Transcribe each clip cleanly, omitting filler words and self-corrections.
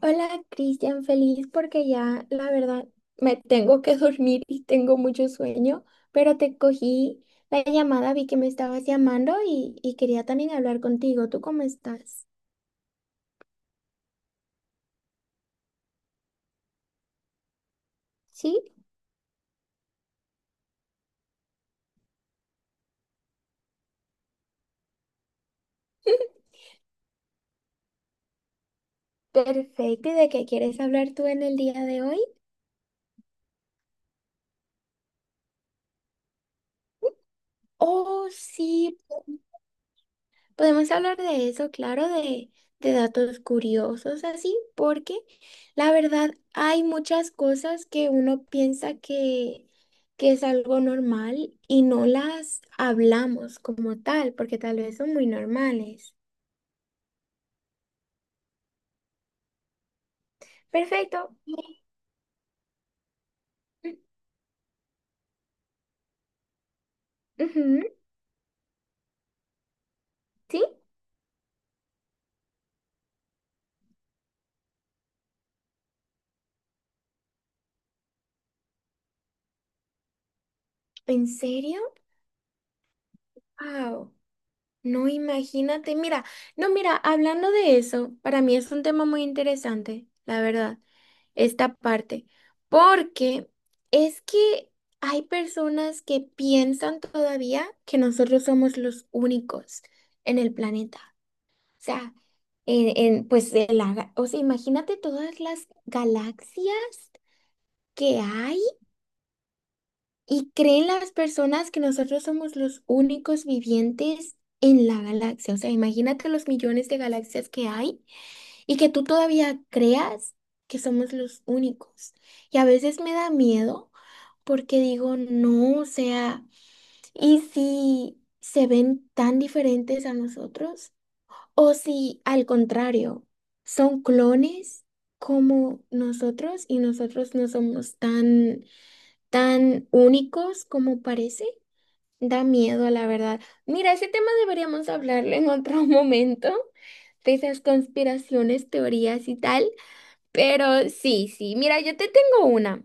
Hola Cristian, feliz porque ya la verdad me tengo que dormir y tengo mucho sueño, pero te cogí la llamada, vi que me estabas llamando y quería también hablar contigo. ¿Tú cómo estás? Sí, perfecto. ¿Y de qué quieres hablar tú en el día de hoy? Oh, sí. Podemos hablar de eso, claro, de datos curiosos así, porque la verdad hay muchas cosas que uno piensa que es algo normal y no las hablamos como tal, porque tal vez son muy normales. Perfecto. Ujú. ¿Sí? ¿En serio? Wow. No, imagínate, mira, no, mira, hablando de eso, para mí es un tema muy interesante, la verdad, esta parte, porque es que hay personas que piensan todavía que nosotros somos los únicos en el planeta. O sea, pues, o sea, imagínate todas las galaxias que hay. ¿Y creen las personas que nosotros somos los únicos vivientes en la galaxia? O sea, imagínate los millones de galaxias que hay y que tú todavía creas que somos los únicos. Y a veces me da miedo porque digo, no, o sea, ¿y si se ven tan diferentes a nosotros? ¿O si al contrario, son clones como nosotros y nosotros no somos tan, tan únicos como parece? Da miedo, la verdad. Mira, ese tema deberíamos hablarlo en otro momento, de esas conspiraciones, teorías y tal. Pero sí, sí, mira, yo te tengo una.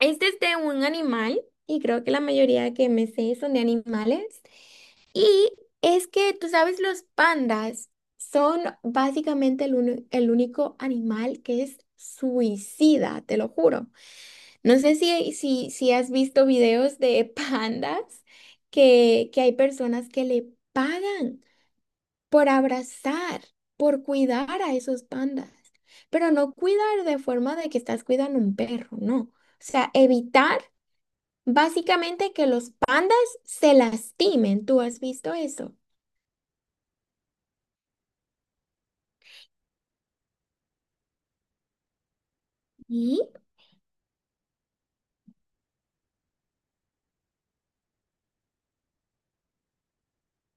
Este es de un animal y creo que la mayoría que me sé son de animales. Y es que, tú sabes, los pandas son básicamente el único animal que es suicida, te lo juro. No sé si has visto videos de pandas que hay personas que le pagan por abrazar, por cuidar a esos pandas, pero no cuidar de forma de que estás cuidando un perro, no. O sea, evitar básicamente que los pandas se lastimen. ¿Tú has visto eso? ¿Y?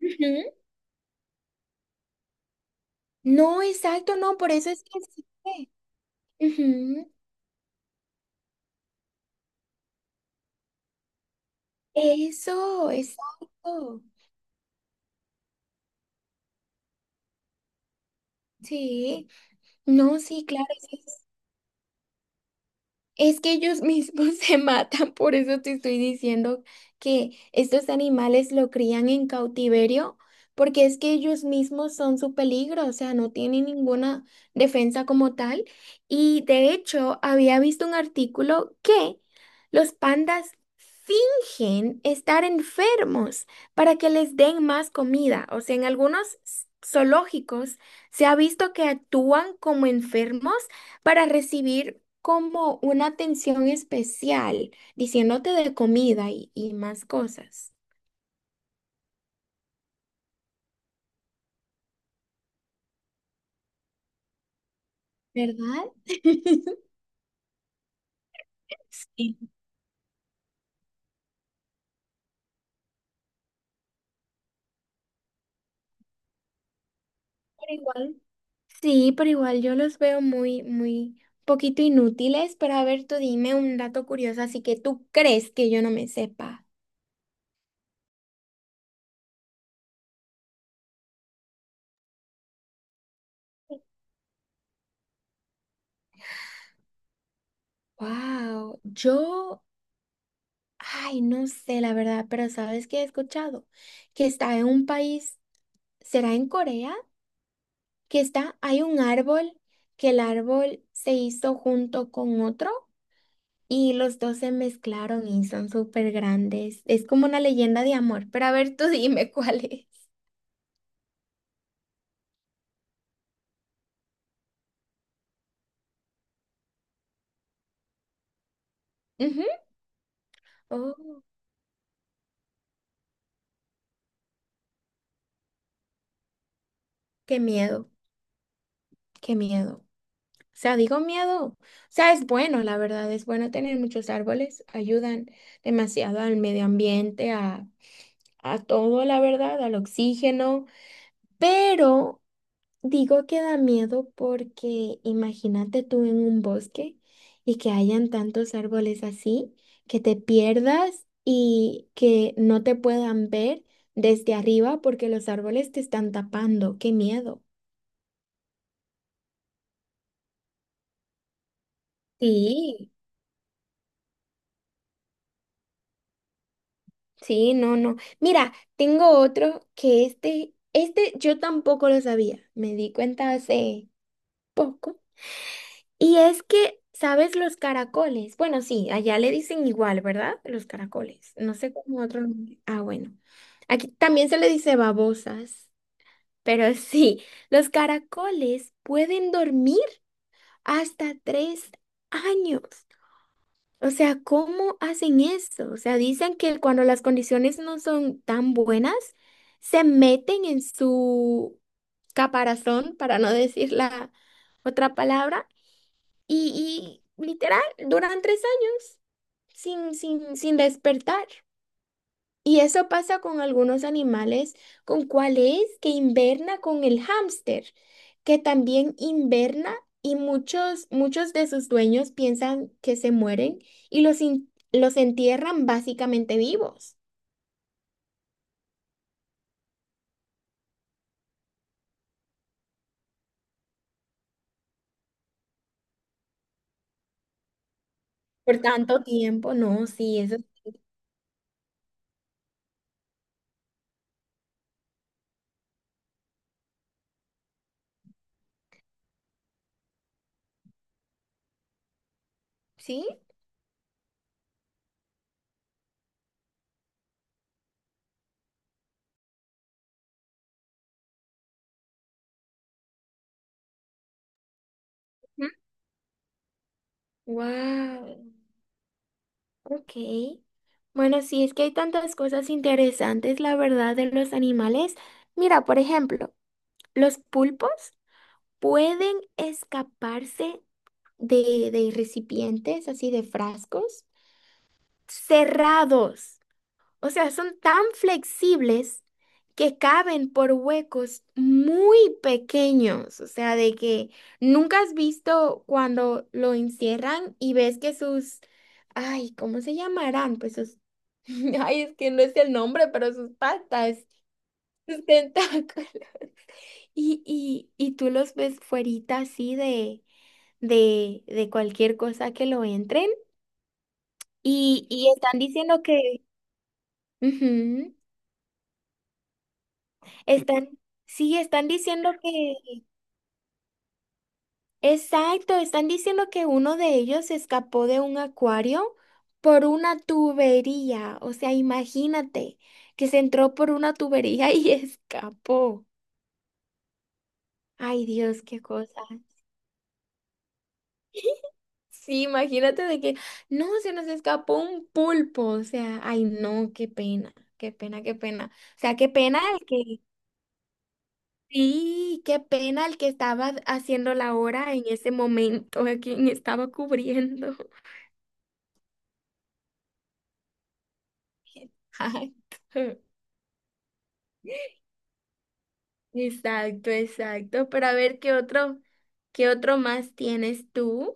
Ujú. No, exacto, no, por eso es que existe. Ujú. Eso, exacto. Sí, no, sí, claro, sí, sí. Es que ellos mismos se matan, por eso te estoy diciendo que estos animales lo crían en cautiverio, porque es que ellos mismos son su peligro, o sea, no tienen ninguna defensa como tal. Y de hecho, había visto un artículo que los pandas fingen estar enfermos para que les den más comida. O sea, en algunos zoológicos se ha visto que actúan como enfermos para recibir como una atención especial, diciéndote de comida y más cosas, ¿verdad? Sí. Pero igual. Sí, pero igual yo los veo muy, muy poquito inútiles, pero a ver, tú dime un dato curioso, así que tú crees que yo no me sepa. Wow, yo, ay, no sé la verdad, pero ¿sabes qué he escuchado? Que está en un país, ¿será en Corea? Que está, hay un árbol, que el árbol se hizo junto con otro. Y los dos se mezclaron y son súper grandes. Es como una leyenda de amor. Pero a ver, tú dime cuál es. Ujú. Oh, qué miedo, qué miedo. O sea, digo miedo. O sea, es bueno, la verdad, es bueno tener muchos árboles. Ayudan demasiado al medio ambiente, a todo, la verdad, al oxígeno. Pero digo que da miedo porque imagínate tú en un bosque y que hayan tantos árboles así, que te pierdas y que no te puedan ver desde arriba porque los árboles te están tapando. ¡Qué miedo! Sí, sí, no, no. Mira, tengo otro que este yo tampoco lo sabía. Me di cuenta hace poco. Y es que, ¿sabes los caracoles? Bueno, sí, allá le dicen igual, ¿verdad? Los caracoles. No sé cómo otro nombre. Ah, bueno. Aquí también se le dice babosas, pero sí, los caracoles pueden dormir hasta tres años. O sea, ¿cómo hacen eso? O sea, dicen que cuando las condiciones no son tan buenas, se meten en su caparazón, para no decir la otra palabra y literal, duran tres años sin despertar. Y eso pasa con algunos animales, con cuál es que inverna con el hámster, que también inverna y muchos, muchos de sus dueños piensan que se mueren y los entierran básicamente vivos. Por tanto tiempo, no, sí, eso sí. Wow. Ok. Bueno, sí, es que hay tantas cosas interesantes, la verdad, de los animales. Mira, por ejemplo, los pulpos pueden escaparse de recipientes, así de frascos cerrados. O sea, son tan flexibles que caben por huecos muy pequeños. O sea, de que nunca has visto cuando lo encierran y ves que sus, ay, ¿cómo se llamarán? Pues sus, ay, es que no es el nombre, pero sus patas, sus tentáculos. Y tú los ves fuerita así de cualquier cosa que lo entren y están diciendo que... Ujú. Están, sí, están diciendo exacto, están diciendo que uno de ellos se escapó de un acuario por una tubería. O sea, imagínate que se entró por una tubería y escapó. Ay, Dios, qué cosa. Sí, imagínate de que, no, se nos escapó un pulpo. O sea, ay, no, qué pena, qué pena, qué pena. O sea, qué pena el que. Sí, qué pena el que estaba haciendo la hora en ese momento, a quien estaba cubriendo. Exacto. Exacto, exacto. Pero a ver qué otro más tienes tú,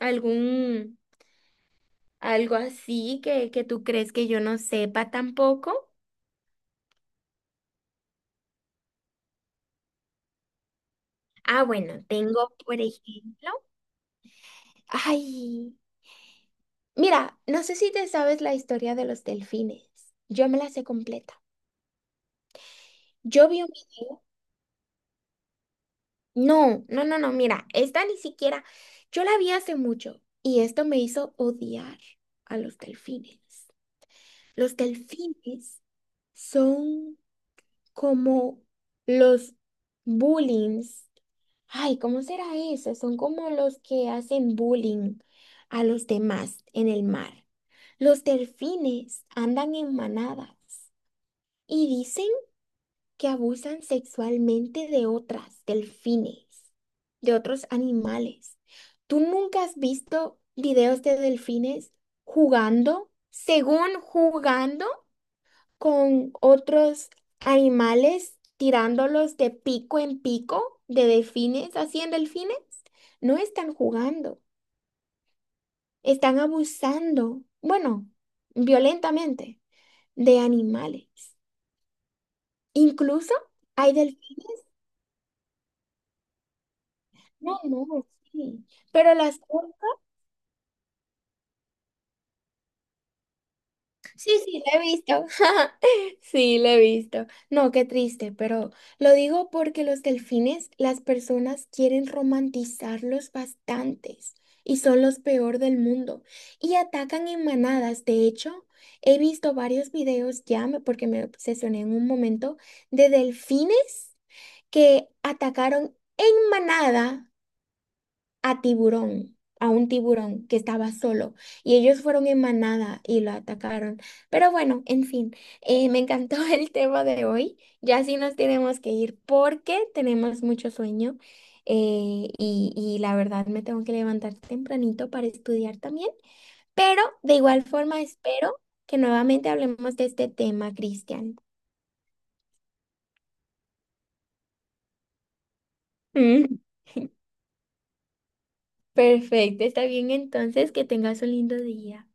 algún, algo así que tú crees que yo no sepa tampoco. Ah, bueno, tengo, por ejemplo, ay, mira, no sé si te sabes la historia de los delfines. Yo me la sé completa. Yo vi un video. No, no, no, no, mira, esta ni siquiera, yo la vi hace mucho y esto me hizo odiar a los delfines. Los delfines son como los bullings. Ay, ¿cómo será eso? Son como los que hacen bullying a los demás en el mar. Los delfines andan en manadas y dicen que abusan sexualmente de otras, delfines, de otros animales. ¿Tú nunca has visto videos de delfines jugando, según jugando con otros animales, tirándolos de pico en pico, de delfines, así en delfines? No están jugando, están abusando, bueno, violentamente, de animales. Incluso hay delfines. No, no, sí. Pero las... Sí, sí, la he visto. Sí, la he visto. No, qué triste, pero lo digo porque los delfines, las personas quieren romantizarlos bastantes y son los peor del mundo y atacan en manadas. De hecho, he visto varios videos ya, porque me obsesioné en un momento, de delfines que atacaron en manada a tiburón, a un tiburón que estaba solo y ellos fueron en manada y lo atacaron. Pero bueno, en fin, me encantó el tema de hoy. Ya sí nos tenemos que ir porque tenemos mucho sueño, y la verdad me tengo que levantar tempranito para estudiar también. Pero de igual forma espero que nuevamente hablemos de este tema, Cristian. Mm. Perfecto, está bien entonces, que tengas un lindo día.